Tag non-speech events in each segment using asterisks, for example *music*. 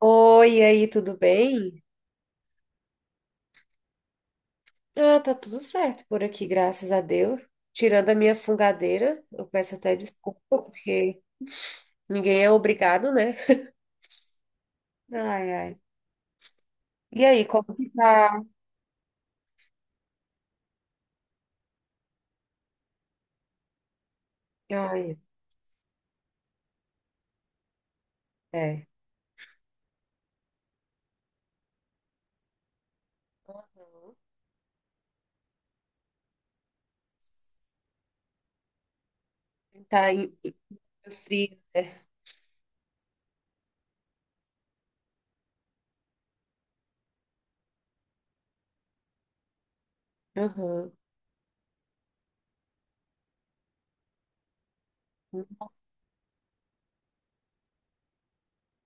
Oi, e aí, tudo bem? Ah, tá tudo certo por aqui, graças a Deus. Tirando a minha fungadeira, eu peço até desculpa, porque ninguém é obrigado, né? Ai, ai. E aí, como que tá? Ai, é. Aham. Tá em frio, né? Aham.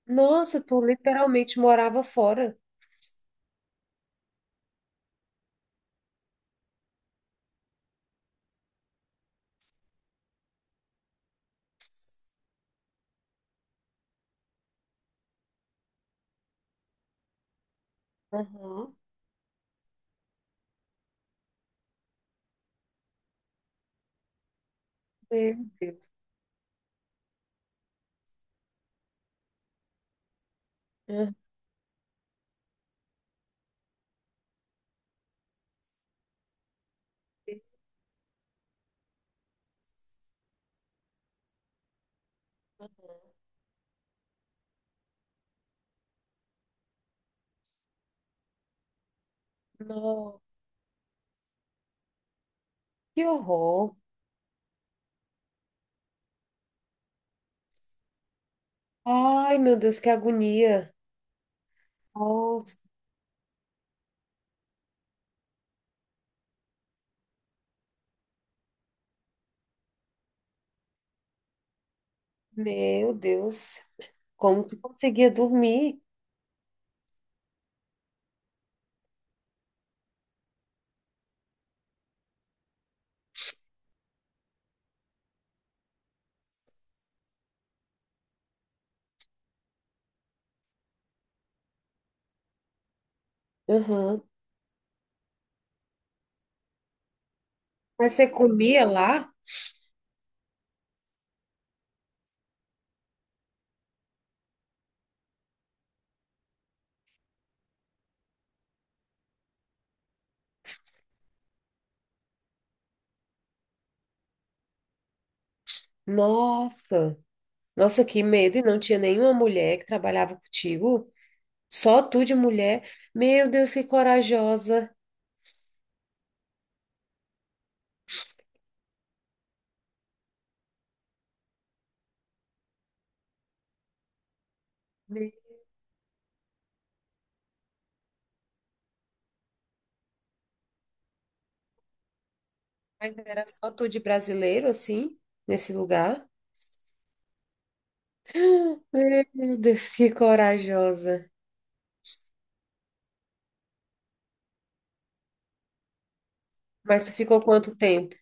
Nossa, tu literalmente morava fora. Aham. Meu Deus. Aham. Nossa, que horror. Ai, meu Deus, que agonia. Oh, meu Deus. Como que conseguia dormir? Aham. Mas você comia lá? Nossa, nossa, que medo! E não tinha nenhuma mulher que trabalhava contigo? Só tu de mulher? Meu Deus, que corajosa! Meu, Mas era só tu de brasileiro, assim, nesse lugar? Meu Deus, que corajosa! Mas tu ficou quanto tempo?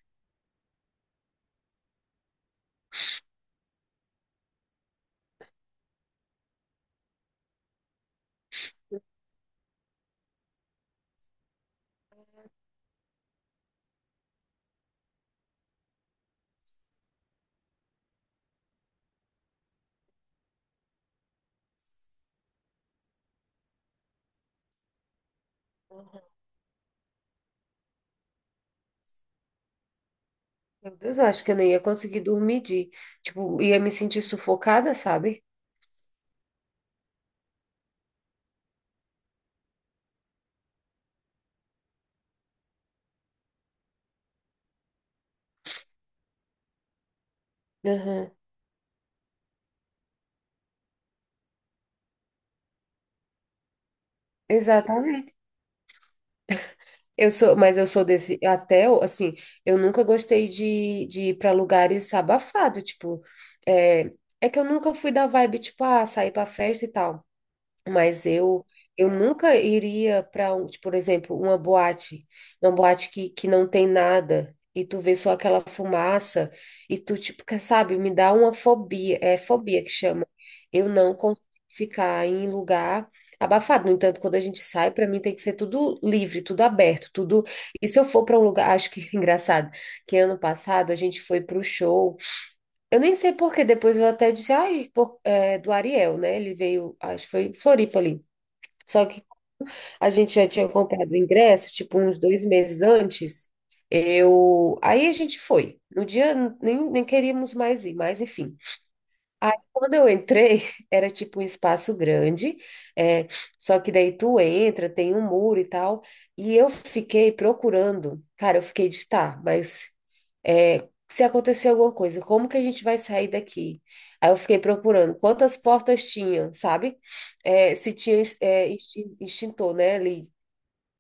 Uhum. Meu Deus, eu acho que eu nem ia conseguir dormir, de, tipo, ia me sentir sufocada, sabe? Aham, exatamente. Eu sou, mas eu sou desse, até, assim, eu nunca gostei de ir para lugares abafado, tipo, é, é que eu nunca fui da vibe, tipo, ah, sair pra festa e tal. Mas eu nunca iria para, tipo, por exemplo, uma boate, uma boate que não tem nada e tu vê só aquela fumaça e tu, tipo, quer, sabe, me dá uma fobia, é fobia que chama. Eu não consigo ficar em lugar abafado. No entanto, quando a gente sai, para mim tem que ser tudo livre, tudo aberto, tudo. E se eu for para um lugar, acho que *laughs* engraçado, que ano passado a gente foi para o show, eu nem sei por quê. Depois eu até disse, ai, é, do Ariel, né? Ele veio, acho que foi em Floripa ali. Só que a gente já tinha comprado o ingresso, tipo, uns 2 meses antes. Eu. Aí a gente foi. No dia nem queríamos mais ir, mas enfim. Aí quando eu entrei, *laughs* era tipo um espaço grande, é, só que daí tu entra, tem um muro e tal. E eu fiquei procurando, cara, eu fiquei, de, tá, mas se acontecer alguma coisa, como que a gente vai sair daqui? Aí eu fiquei procurando quantas portas tinham, sabe? É, se tinha extintor, né, ali.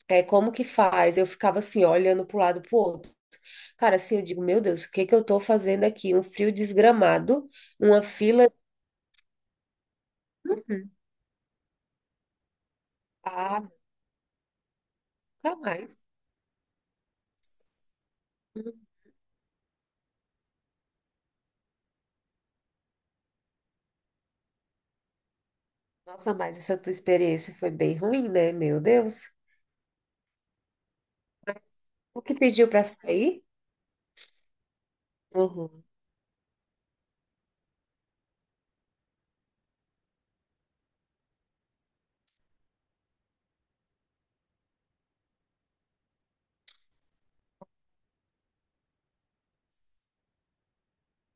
É, como que faz? Eu ficava assim, olhando para um lado, para o outro. Cara, assim, eu digo, meu Deus, o que que eu tô fazendo aqui? Um frio desgramado, uma fila. Uhum. Ah, nunca mais. Hum. Nossa, mas essa tua experiência foi bem ruim, né? Meu Deus. O que pediu para sair? Uhum.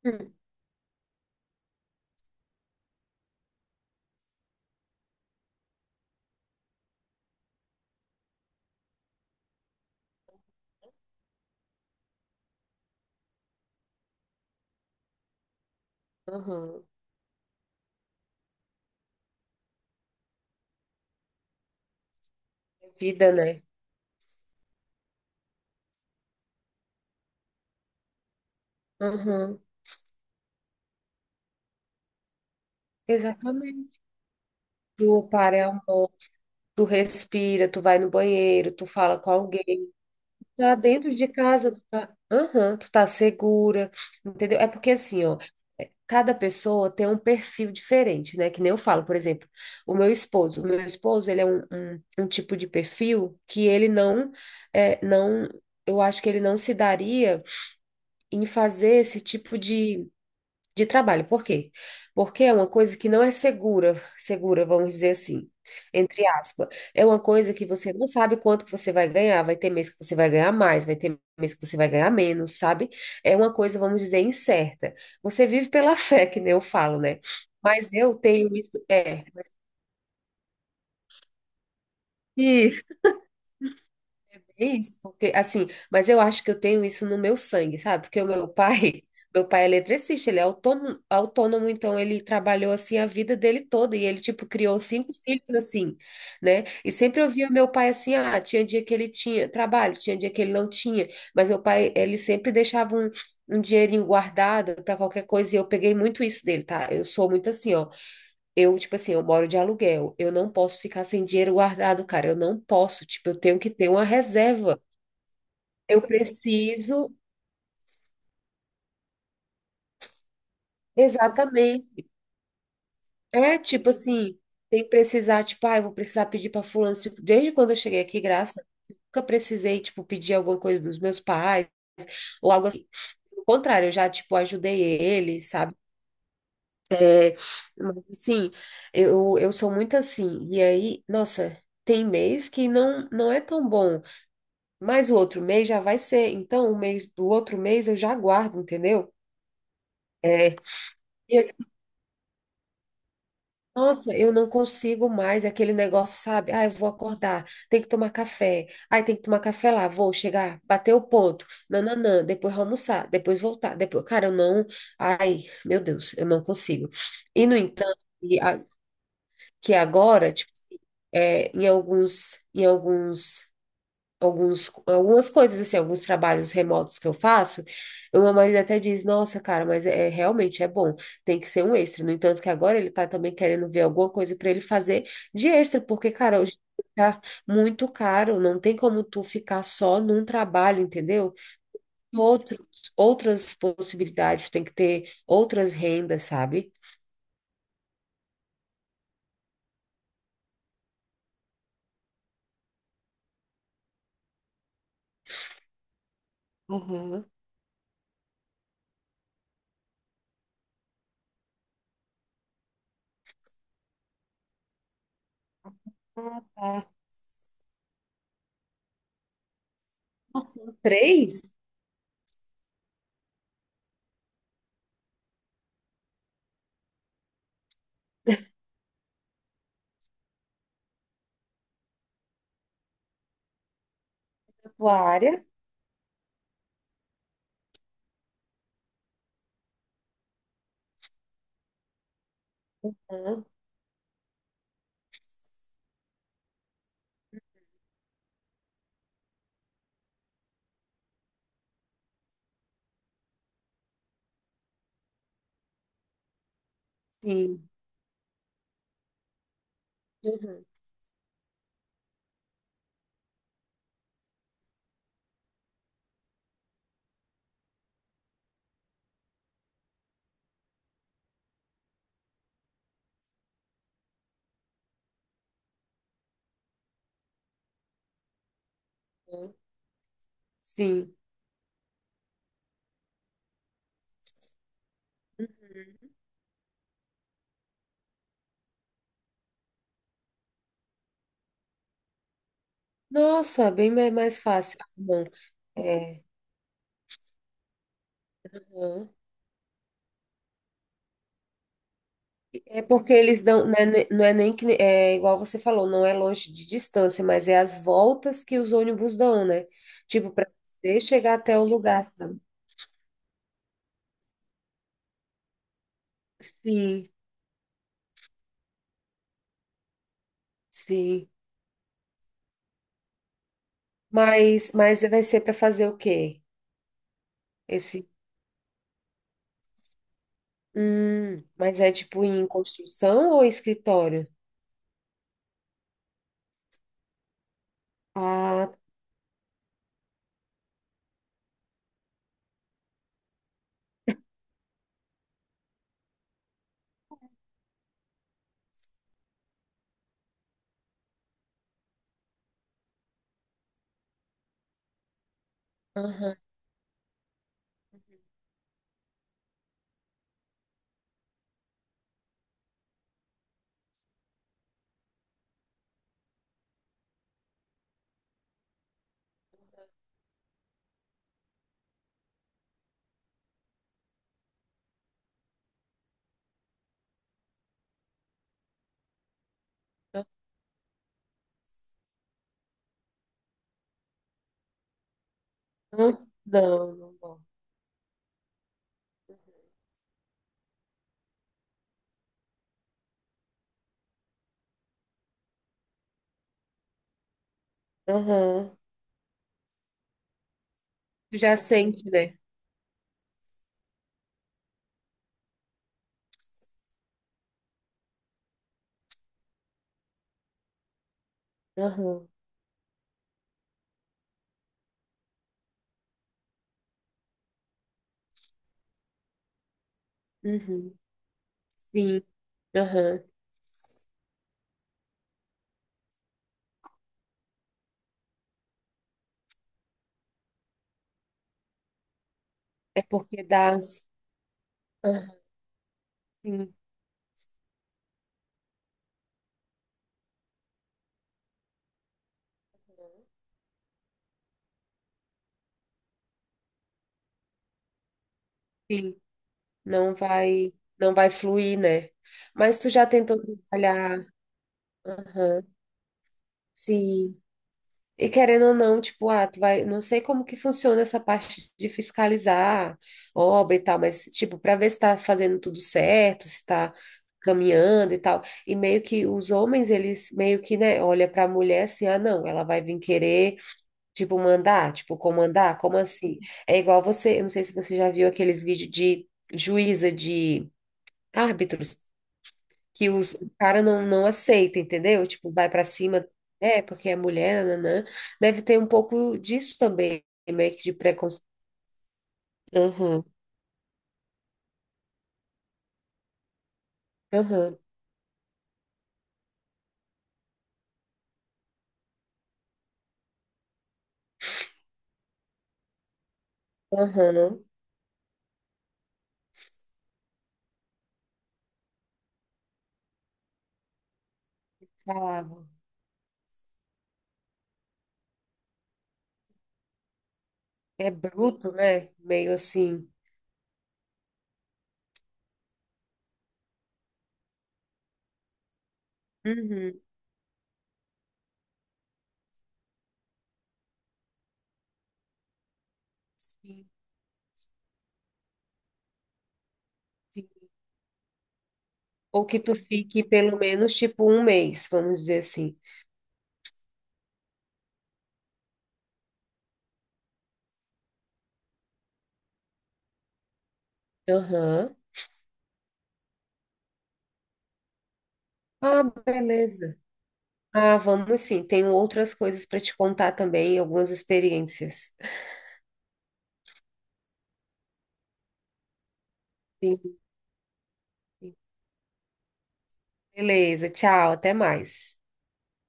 Hum. Uhum. Vida, né? Uhum. Exatamente. Tu para um pouco, tu respira, tu vai no banheiro, tu fala com alguém, tá dentro de casa, tu tá, aham, tu tá segura, entendeu? É porque, assim, ó, cada pessoa tem um perfil diferente, né? Que nem eu falo, por exemplo, o meu esposo, ele é um tipo de perfil que ele não, é, não, eu acho que ele não se daria em fazer esse tipo de trabalho. Por quê? Porque é uma coisa que não é segura, segura, vamos dizer assim, entre aspas. É uma coisa que você não sabe quanto que você vai ganhar, vai ter mês que você vai ganhar mais, vai ter mês que você vai ganhar menos, sabe? É uma coisa, vamos dizer, incerta. Você vive pela *laughs* fé, que nem eu falo, né? Mas eu tenho isso, mas- é isso, porque, assim, mas eu acho que eu tenho isso no meu sangue, sabe? Porque o meu pai, *laughs* meu pai é eletricista, ele é autônomo, autônomo, então ele trabalhou assim a vida dele toda e ele tipo criou cinco filhos assim, né? E sempre eu via meu pai assim, ah, tinha dia que ele tinha trabalho, tinha dia que ele não tinha, mas meu pai, ele sempre deixava um dinheirinho guardado para qualquer coisa, e eu peguei muito isso dele, tá? Eu sou muito assim, ó. Eu, tipo assim, eu moro de aluguel, eu não posso ficar sem dinheiro guardado, cara, eu não posso, tipo, eu tenho que ter uma reserva. Eu preciso, exatamente. É tipo assim, tem que precisar, tipo, ah, eu vou precisar pedir para fulano. Desde quando eu cheguei aqui, graças a Deus, nunca precisei, tipo, pedir alguma coisa dos meus pais ou algo assim. Pelo contrário, eu já, tipo, ajudei eles, sabe? Mas, assim, eu sou muito assim. E aí, nossa, tem mês que não é tão bom, mas o outro mês já vai ser. Então, o mês do outro mês eu já guardo, entendeu? É. Nossa, eu não consigo mais aquele negócio, sabe? Ah, eu vou acordar, tem que tomar café. Ai, tem que tomar café lá, vou chegar, bater o ponto. Nananã, depois almoçar, depois voltar, depois, cara, eu não, ai, meu Deus, eu não consigo. E no entanto, que agora, tipo, em alguns, algumas coisas, assim, alguns trabalhos remotos que eu faço, o meu marido até diz, nossa, cara, mas realmente é bom, tem que ser um extra. No entanto, que agora ele tá também querendo ver alguma coisa para ele fazer de extra, porque, cara, hoje tá muito caro, não tem como tu ficar só num trabalho, entendeu? Outros, outras possibilidades, tem que ter outras rendas, sabe? Uhum. Ah, tá. Nossa, são três? A tua área. Ah, sim. Uhum. Sim. Uhum. Nossa, bem mais fácil. Ah, bom, é, aham. É porque eles dão, né, não é nem que, é igual você falou, não é longe de distância, mas é as voltas que os ônibus dão, né? Tipo, para você chegar até o lugar, sabe? Sim, sim. Mas vai ser para fazer o quê? Esse, mas é tipo em construção ou escritório? Ah, aham, aham. Não, não, não. Aham. Tu já sente, né? Aham. Uhum. Sim, aham. É porque dá. Aham, sim, sim. Não vai, não vai fluir, né? Mas tu já tentou trabalhar. Aham, sim. E querendo ou não, tipo, ah, tu vai. Não sei como que funciona essa parte de fiscalizar obra e tal, mas, tipo, pra ver se tá fazendo tudo certo, se tá caminhando e tal. E meio que os homens, eles meio que, né, olha pra mulher assim, ah, não, ela vai vir querer. Tipo, mandar, tipo, comandar, como assim? É igual você, eu não sei se você já viu aqueles vídeos de juíza, de árbitros, que os cara não aceita, entendeu? Tipo, vai pra cima, porque é mulher, nanã. Deve ter um pouco disso também, meio que de preconceito. Aham, aham, aham, falava. É bruto, né? Meio assim. Uhum. Sim, sim. Ou que tu fique pelo menos, tipo, um mês, vamos dizer assim. Aham. Ah, beleza. Ah, vamos sim. Tenho outras coisas para te contar também, algumas experiências. Sim. Beleza, tchau, até mais.